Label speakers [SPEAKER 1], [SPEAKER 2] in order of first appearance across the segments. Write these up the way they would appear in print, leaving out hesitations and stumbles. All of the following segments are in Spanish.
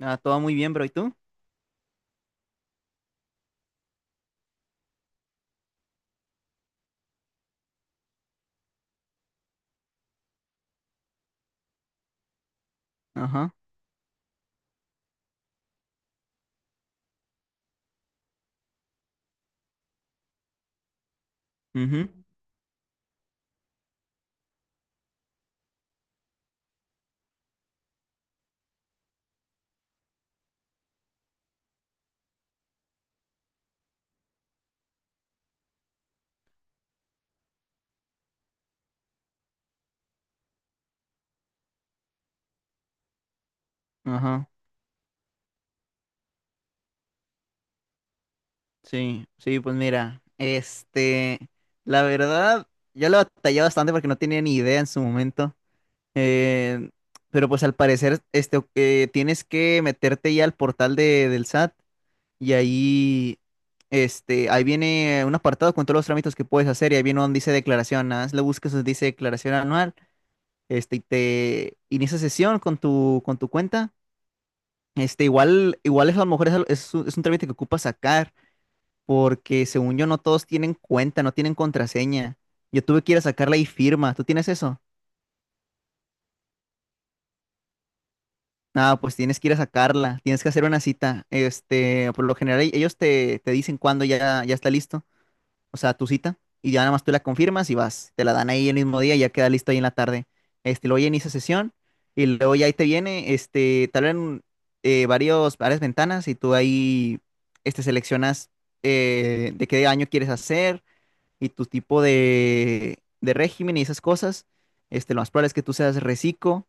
[SPEAKER 1] Ah, todo muy bien, bro. ¿Y tú? Ajá, ujú, ajá. Sí, sí, pues mira, la verdad, yo lo batallé bastante porque no tenía ni idea en su momento. eh, pero pues al parecer, tienes que meterte ya al portal del SAT y ahí, ahí viene un apartado con todos los trámites que puedes hacer y ahí viene donde dice declaración. Nada más le buscas donde dice declaración anual, y te inicia sesión con tu cuenta. Igual eso a lo mejor es, es un trámite que ocupa sacar, porque según yo no todos tienen cuenta, no tienen contraseña. Yo tuve que ir a sacarla y firma. ¿Tú tienes eso? Ah, pues tienes que ir a sacarla, tienes que hacer una cita. Por lo general ellos te, te dicen cuándo ya, ya está listo. O sea, tu cita, y ya nada más tú la confirmas y vas, te la dan ahí el mismo día y ya queda listo ahí en la tarde. Luego ya inicia sesión y luego ya ahí te viene, te abren varias ventanas y tú ahí, seleccionas de qué año quieres hacer y tu tipo de régimen y esas cosas. Lo más probable es que tú seas reciclo,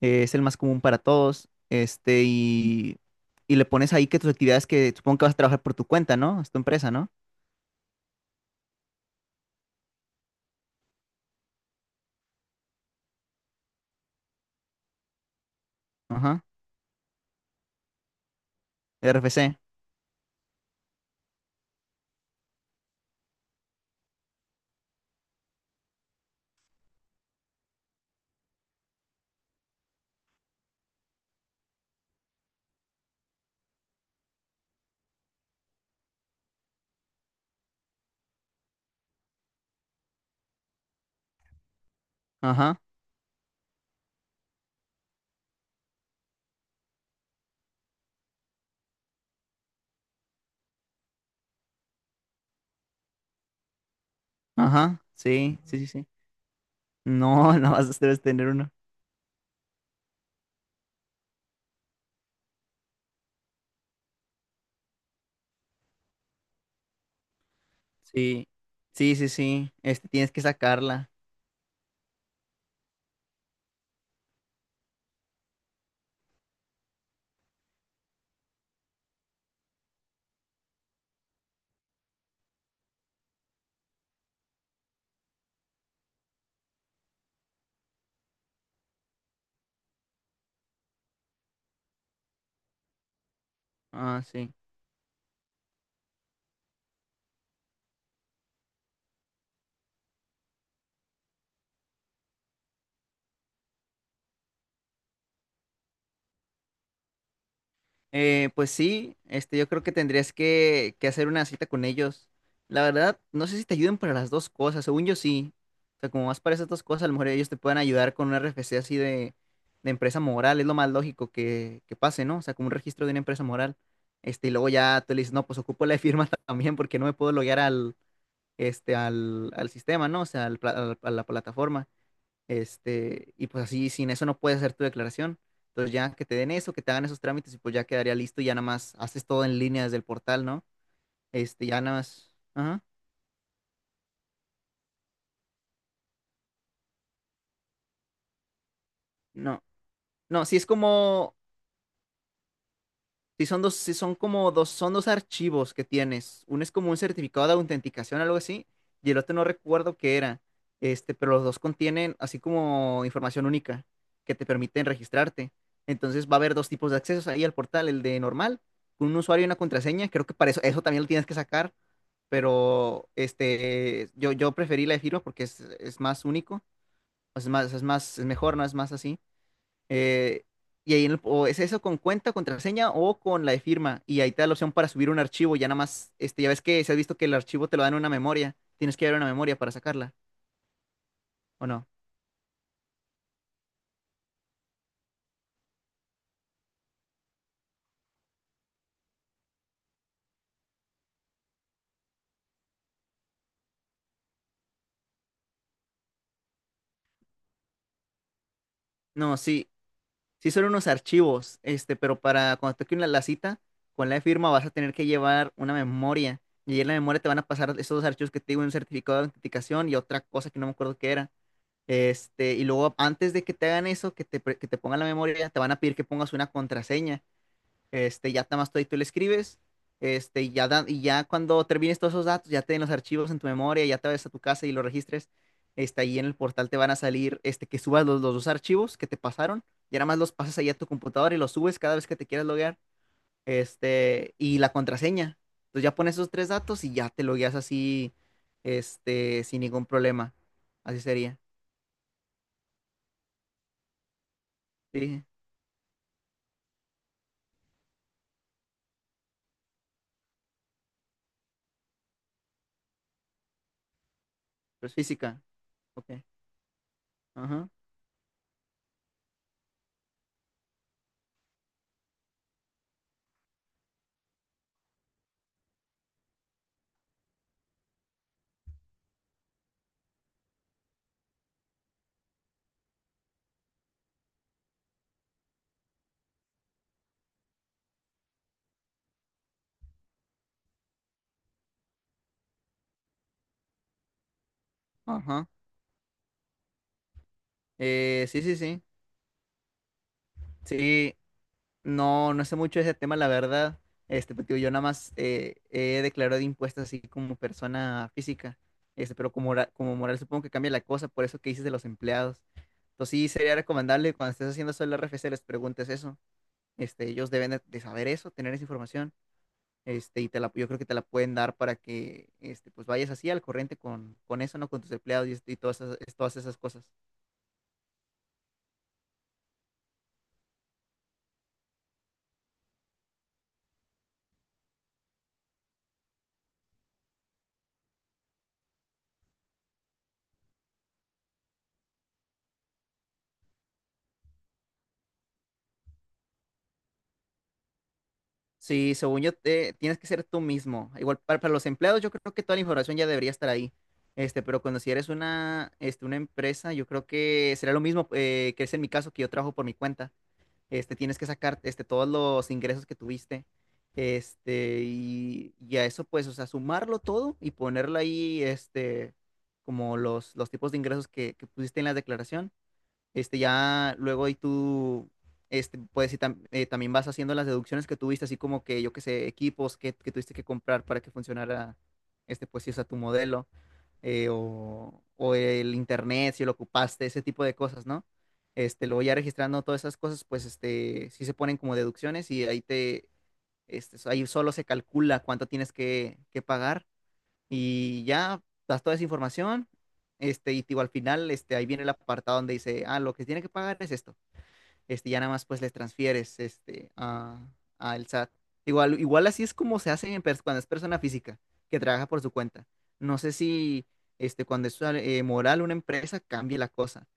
[SPEAKER 1] es el más común para todos, y le pones ahí que tus actividades que supongo que vas a trabajar por tu cuenta, ¿no? Es tu empresa, ¿no? Ajá, RFC. Ajá, ajá, sí, sí, sí, sí. No, no vas a debes tener uno. Sí, sí, sí, sí. Tienes que sacarla. Ah, sí. Pues sí, yo creo que tendrías que hacer una cita con ellos. La verdad, no sé si te ayuden para las dos cosas. Según yo sí. O sea, como más para esas dos cosas, a lo mejor ellos te pueden ayudar con un RFC así de empresa moral. Es lo más lógico que pase, ¿no? O sea, como un registro de una empresa moral. Y luego ya tú le dices, no, pues ocupo la firma también porque no me puedo loguear al, al, al sistema, ¿no? O sea, a la plataforma. Y pues así, sin eso no puedes hacer tu declaración. Entonces ya que te den eso, que te hagan esos trámites y pues ya quedaría listo y ya nada más haces todo en línea desde el portal, ¿no? Ya nada más. Ajá. No. No, sí es como, sí, son dos, sí, son como dos, son dos archivos que tienes. Uno es como un certificado de autenticación, algo así, y el otro no recuerdo qué era. Pero los dos contienen así como información única que te permiten registrarte. Entonces va a haber dos tipos de accesos ahí al portal, el de normal, con un usuario y una contraseña. Creo que para eso, eso también lo tienes que sacar, pero yo preferí la de firma porque es más único, o sea, es más, es más, es mejor, ¿no? Es más así. Eh, y ahí o es eso con cuenta, contraseña o con la de firma. Y ahí te da la opción para subir un archivo. Ya nada más, ya ves que si has visto que el archivo te lo dan en una memoria. Tienes que llevar una memoria para sacarla, ¿o no? No, sí, sí son unos archivos, pero para cuando toque una, la cita con la de firma vas a tener que llevar una memoria. Y ahí en la memoria te van a pasar esos dos archivos que te digo, un certificado de autenticación y otra cosa que no me acuerdo qué era. Y luego antes de que te hagan eso, que te pongan la memoria, te van a pedir que pongas una contraseña. Ya nada más tú le escribes. Y ya, y ya cuando termines todos esos datos, ya te den los archivos en tu memoria, ya te vayas a tu casa y los registres. Ahí en el portal te van a salir que subas los dos archivos que te pasaron. Y nada más los pasas ahí a tu computadora y los subes cada vez que te quieras loguear. Y la contraseña. Entonces ya pones esos tres datos y ya te logueas así, sin ningún problema. Así sería. Sí, pues física. Ok. Ajá. Ajá. Sí, sí, sí. Sí, no, no sé mucho de ese tema, la verdad. Pero, tío, yo nada más he declarado impuestos así como persona física. Pero como, como moral supongo que cambia la cosa, por eso que dices de los empleados. Entonces sí sería recomendable cuando estés haciendo eso el RFC les preguntes eso. Ellos deben de saber eso, tener esa información. Yo creo que te la pueden dar para que pues vayas así al corriente con eso, ¿no? Con tus empleados y todas esas cosas. Sí, según yo, tienes que ser tú mismo. Igual para los empleados, yo creo que toda la información ya debería estar ahí. Pero cuando si eres una, una empresa, yo creo que será lo mismo que es en mi caso, que yo trabajo por mi cuenta. Tienes que sacar todos los ingresos que tuviste. Y a eso, pues, o sea, sumarlo todo y ponerlo ahí, como los tipos de ingresos que pusiste en la declaración ya luego ahí puedes también vas haciendo las deducciones que tuviste, así como que, yo qué sé, equipos que tuviste que comprar para que funcionara, pues, si usa tu modelo, o el internet, si lo ocupaste, ese tipo de cosas, ¿no? Luego ya registrando todas esas cosas, pues, sí se ponen como deducciones y ahí solo se calcula cuánto tienes que pagar y ya das toda esa información, y digo, al final, ahí viene el apartado donde dice, ah, lo que tiene que pagar es esto. Ya nada más pues les transfieres, al SAT. Igual, igual así es como se hace en cuando es persona física, que trabaja por su cuenta. No sé si, cuando es moral una empresa, cambie la cosa.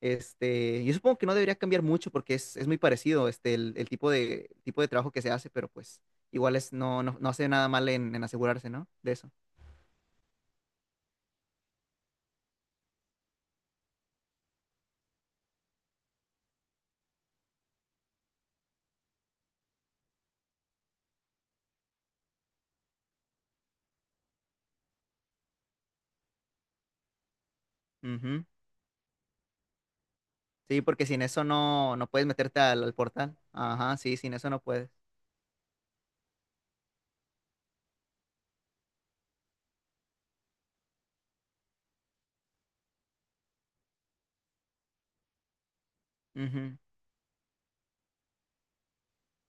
[SPEAKER 1] Yo supongo que no debería cambiar mucho porque es muy parecido, el tipo de trabajo que se hace, pero pues igual es, no, no, no hace nada mal en asegurarse, ¿no? De eso. Ujú. Sí, porque sin eso no, no puedes meterte al, al portal. Ajá, sí, sin eso no puedes. Ujú.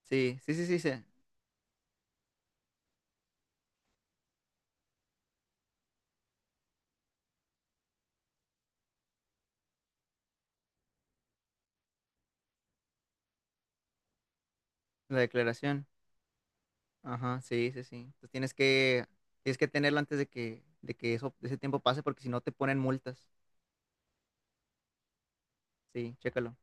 [SPEAKER 1] Sí, sí, sí, sí, sí, la declaración. Ajá, sí, sí, sí. Entonces tienes que tenerlo antes de que eso, ese tiempo pase, porque si no te ponen multas. Sí, chécalo.